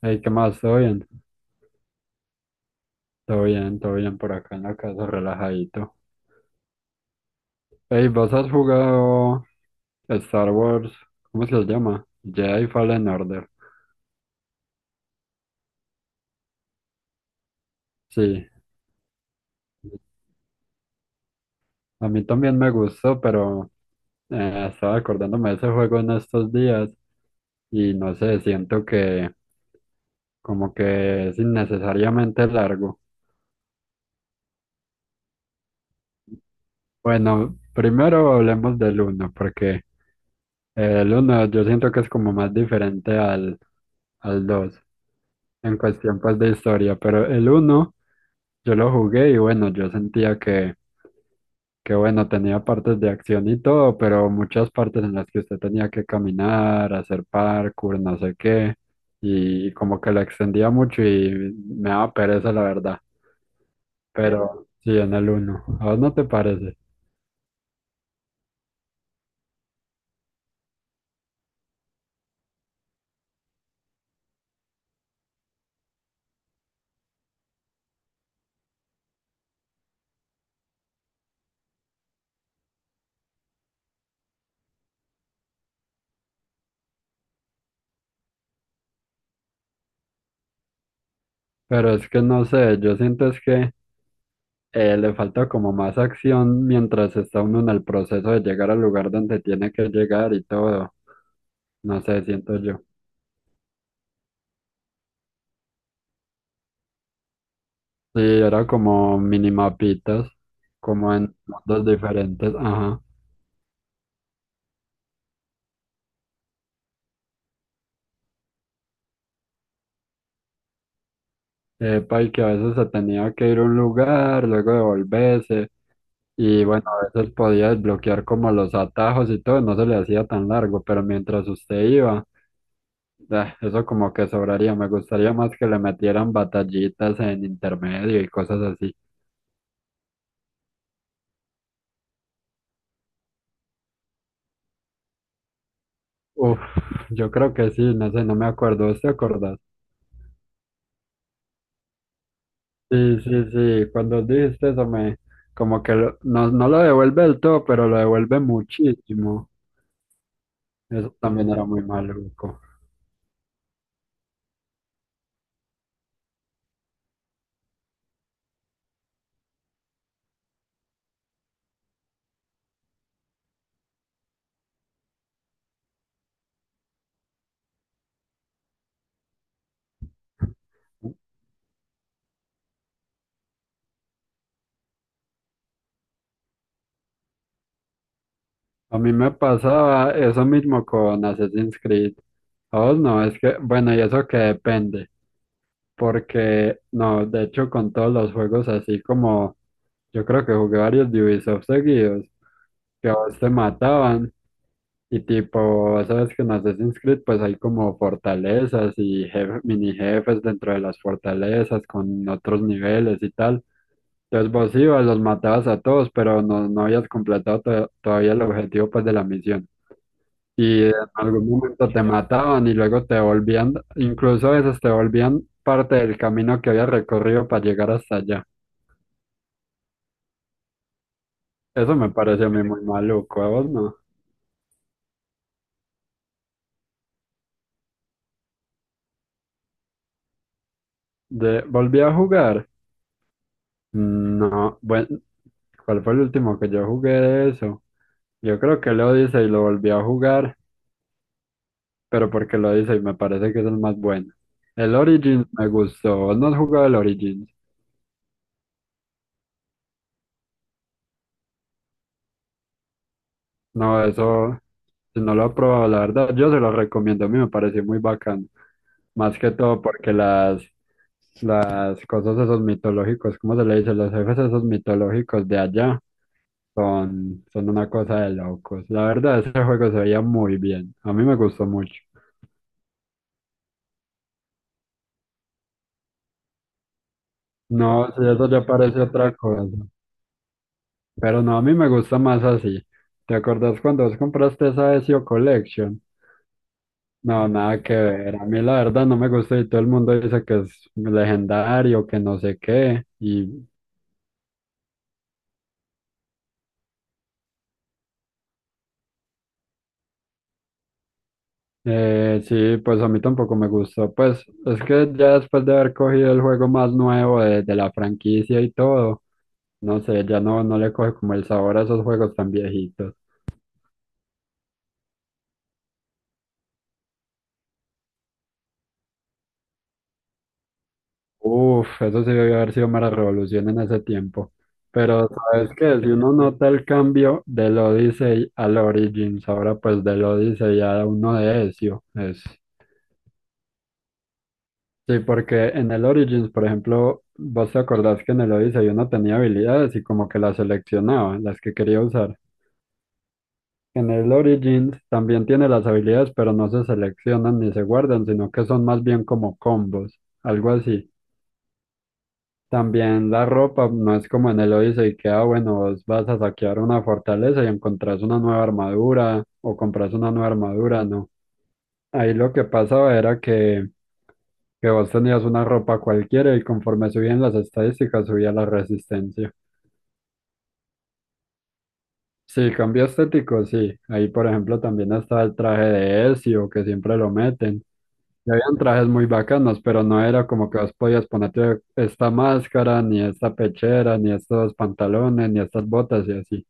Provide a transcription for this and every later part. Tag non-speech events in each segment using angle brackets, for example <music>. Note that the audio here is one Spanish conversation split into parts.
Ey, ¿qué más? ¿Todo bien? Todo bien, todo bien por acá en la casa, relajadito. Ey, ¿vos has jugado Star Wars? ¿Cómo se llama? Jedi Fallen Order. Sí, a mí también me gustó, pero estaba acordándome de ese juego en estos días y no sé, siento que como que es innecesariamente largo. Bueno, primero hablemos del uno, porque el uno yo siento que es como más diferente al 2 en cuestión pues de historia, pero el uno yo lo jugué y bueno, yo sentía que bueno, tenía partes de acción y todo, pero muchas partes en las que usted tenía que caminar, hacer parkour, no sé qué, y como que lo extendía mucho y me daba pereza la verdad, pero sí en el uno, ¿a vos no te parece? Pero es que no sé, yo siento es que le falta como más acción mientras está uno en el proceso de llegar al lugar donde tiene que llegar y todo. No sé, siento yo. Sí, era como minimapitas, como en mundos diferentes. Ajá. Epa, y que a veces se tenía que ir a un lugar, luego devolverse. Y bueno, a veces podía desbloquear como los atajos y todo, no se le hacía tan largo, pero mientras usted iba, ah, eso como que sobraría. Me gustaría más que le metieran batallitas en intermedio y cosas así. Uf, yo creo que sí, no sé, no me acuerdo, ¿vos te acordás? Sí, sí, sí, cuando dijiste eso me, no, no lo devuelve del todo, pero lo devuelve muchísimo. Eso también era muy maluco. A mí me pasaba eso mismo con Assassin's Creed. ¿A vos no? Es que, bueno, y eso que depende. Porque, no, de hecho, con todos los juegos así como yo creo que jugué varios de Ubisoft seguidos, que a vos te mataban. Y tipo, sabes que en Assassin's Creed pues hay como fortalezas y mini jefes dentro de las fortalezas con otros niveles y tal. Entonces vos ibas, los matabas a todos, pero no, no habías completado todavía el objetivo pues de la misión y en algún momento te mataban y luego te volvían, incluso a veces te volvían parte del camino que había recorrido para llegar hasta allá. Eso me parece a mí muy maluco, ¿a vos no? De, volví a jugar. No, bueno, ¿cuál fue el último que yo jugué de eso? Yo creo que el Odyssey lo volví a jugar, pero porque el Odyssey me parece que es el más bueno. El Origins me gustó. ¿Vos no has jugado el Origins? No, eso, si no lo he probado, la verdad, yo se lo recomiendo. A mí me pareció muy bacán. Más que todo porque las cosas esos mitológicos, ¿cómo se le dice? Los jefes esos mitológicos de allá son, son una cosa de locos. La verdad, ese juego se veía muy bien. A mí me gustó mucho. No, si eso ya parece otra cosa. Pero no, a mí me gusta más así. ¿Te acordás cuando vos compraste esa SEO Collection? No, nada que ver. A mí la verdad no me gusta y todo el mundo dice que es legendario, que no sé qué. Y sí, pues a mí tampoco me gustó. Pues es que ya después de haber cogido el juego más nuevo de la franquicia y todo, no sé, ya no, no le coge como el sabor a esos juegos tan viejitos. Uf, eso sí debió haber sido mera revolución en ese tiempo. Pero sabes que si uno nota el cambio del Odyssey al Origins, ahora pues del Odyssey a uno de Ezio, es... Sí, porque en el Origins, por ejemplo, vos te acordás que en el Odyssey uno tenía habilidades y como que las seleccionaba, las que quería usar. En el Origins también tiene las habilidades, pero no se seleccionan ni se guardan, sino que son más bien como combos, algo así. También la ropa no es como en el Odyssey que, ah, bueno, vos vas a saquear una fortaleza y encontrás una nueva armadura o compras una nueva armadura, no. Ahí lo que pasaba era que vos tenías una ropa cualquiera y conforme subían las estadísticas subía la resistencia. Sí, cambio estético, sí. Ahí, por ejemplo, también está el traje de Ezio, que siempre lo meten. Y habían trajes muy bacanos, pero no era como que vos podías ponerte esta máscara, ni esta pechera, ni estos pantalones, ni estas botas y así,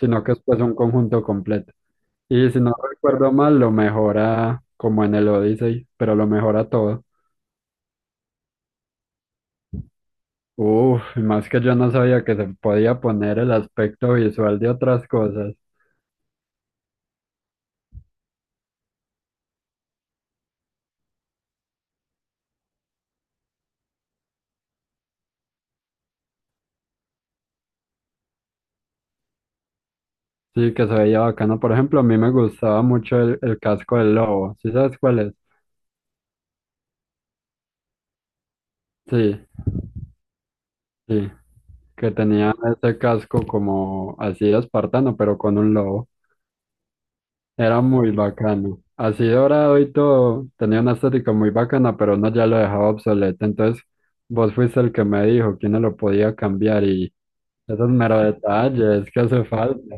sino que es pues un conjunto completo. Y si no recuerdo mal, lo mejora como en el Odyssey, pero lo mejora todo. Uf, y más que yo no sabía que se podía poner el aspecto visual de otras cosas. Sí, que se veía bacano. Por ejemplo, a mí me gustaba mucho el casco del lobo. ¿Sí sabes cuál es? Sí, sí, que tenía ese casco como así de espartano, pero con un lobo. Era muy bacano. Así dorado y todo, tenía una estética muy bacana, pero no ya lo dejaba obsoleto. Entonces, vos fuiste el que me dijo quién no lo podía cambiar y esos meros detalles que hace falta.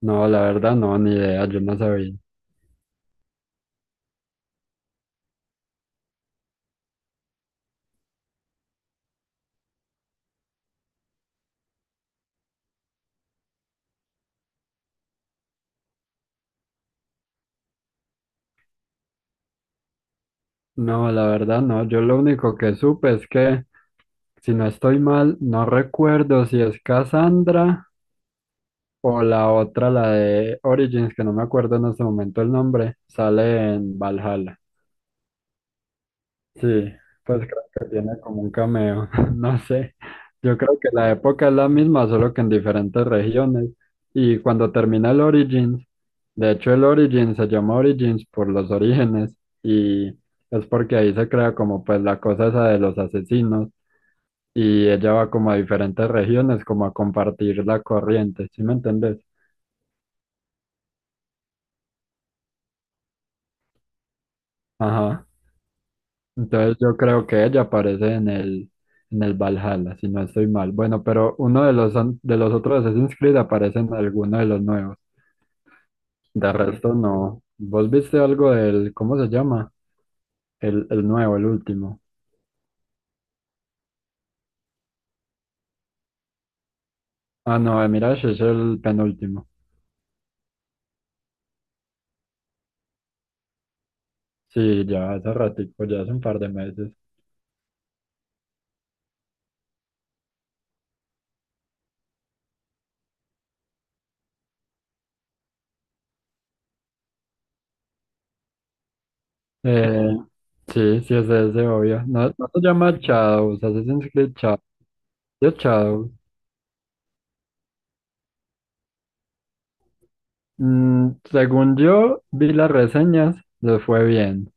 No, la verdad no, ni idea, yo no sabía. No, la verdad no, yo lo único que supe es que, si no estoy mal, no recuerdo si es Cassandra. O la otra, la de Origins, que no me acuerdo en este momento el nombre, sale en Valhalla. Sí, pues creo que tiene como un cameo, <laughs> no sé. Yo creo que la época es la misma, solo que en diferentes regiones. Y cuando termina el Origins, de hecho el Origins se llama Origins por los orígenes y es porque ahí se crea como pues la cosa esa de los asesinos y ella va como a diferentes regiones como a compartir la corriente, ¿sí me entendés? Ajá. Entonces yo creo que ella aparece en en el Valhalla, si no estoy mal. Bueno, pero uno de los, de los otros Assassin's Creed aparece en alguno de los nuevos. De resto no. ¿Vos viste algo del, cómo se llama? El nuevo, el último. Ah, no, el Mirage es el penúltimo. Sí, ya hace ratico, ya hace un par de meses. Eh, sí, sí es ese, obvio. No, no se llama Shadows, Assassin's Creed Shadows. ¿Sí? Es Shadows. Mm, según yo vi las reseñas, les fue bien.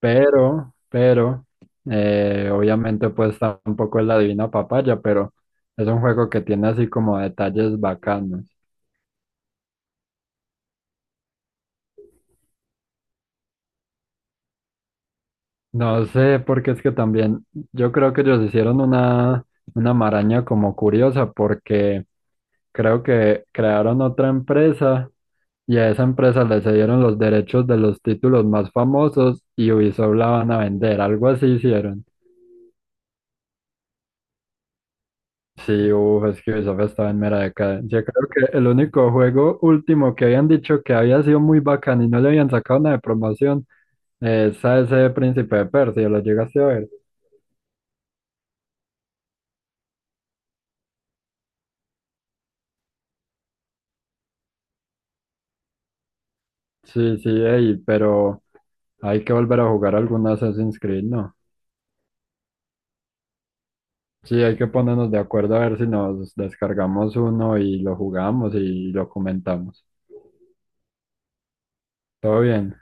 Pero, obviamente pues tampoco es la divina papaya, pero es un juego que tiene así como detalles bacanos. No sé, porque es que también yo creo que ellos hicieron una maraña como curiosa, porque creo que crearon otra empresa y a esa empresa le cedieron los derechos de los títulos más famosos y Ubisoft la van a vender, algo así hicieron. Sí, uff, es que Ubisoft estaba en mera decadencia. Creo que el único juego último que habían dicho que había sido muy bacán y no le habían sacado una de promoción es a ese Príncipe de Persia, ¿lo llegaste a ver? Sí, sí, ey, pero hay que volver a jugar algún Assassin's Creed, ¿no? Sí, hay que ponernos de acuerdo a ver si nos descargamos uno y lo jugamos y lo comentamos. Todo bien.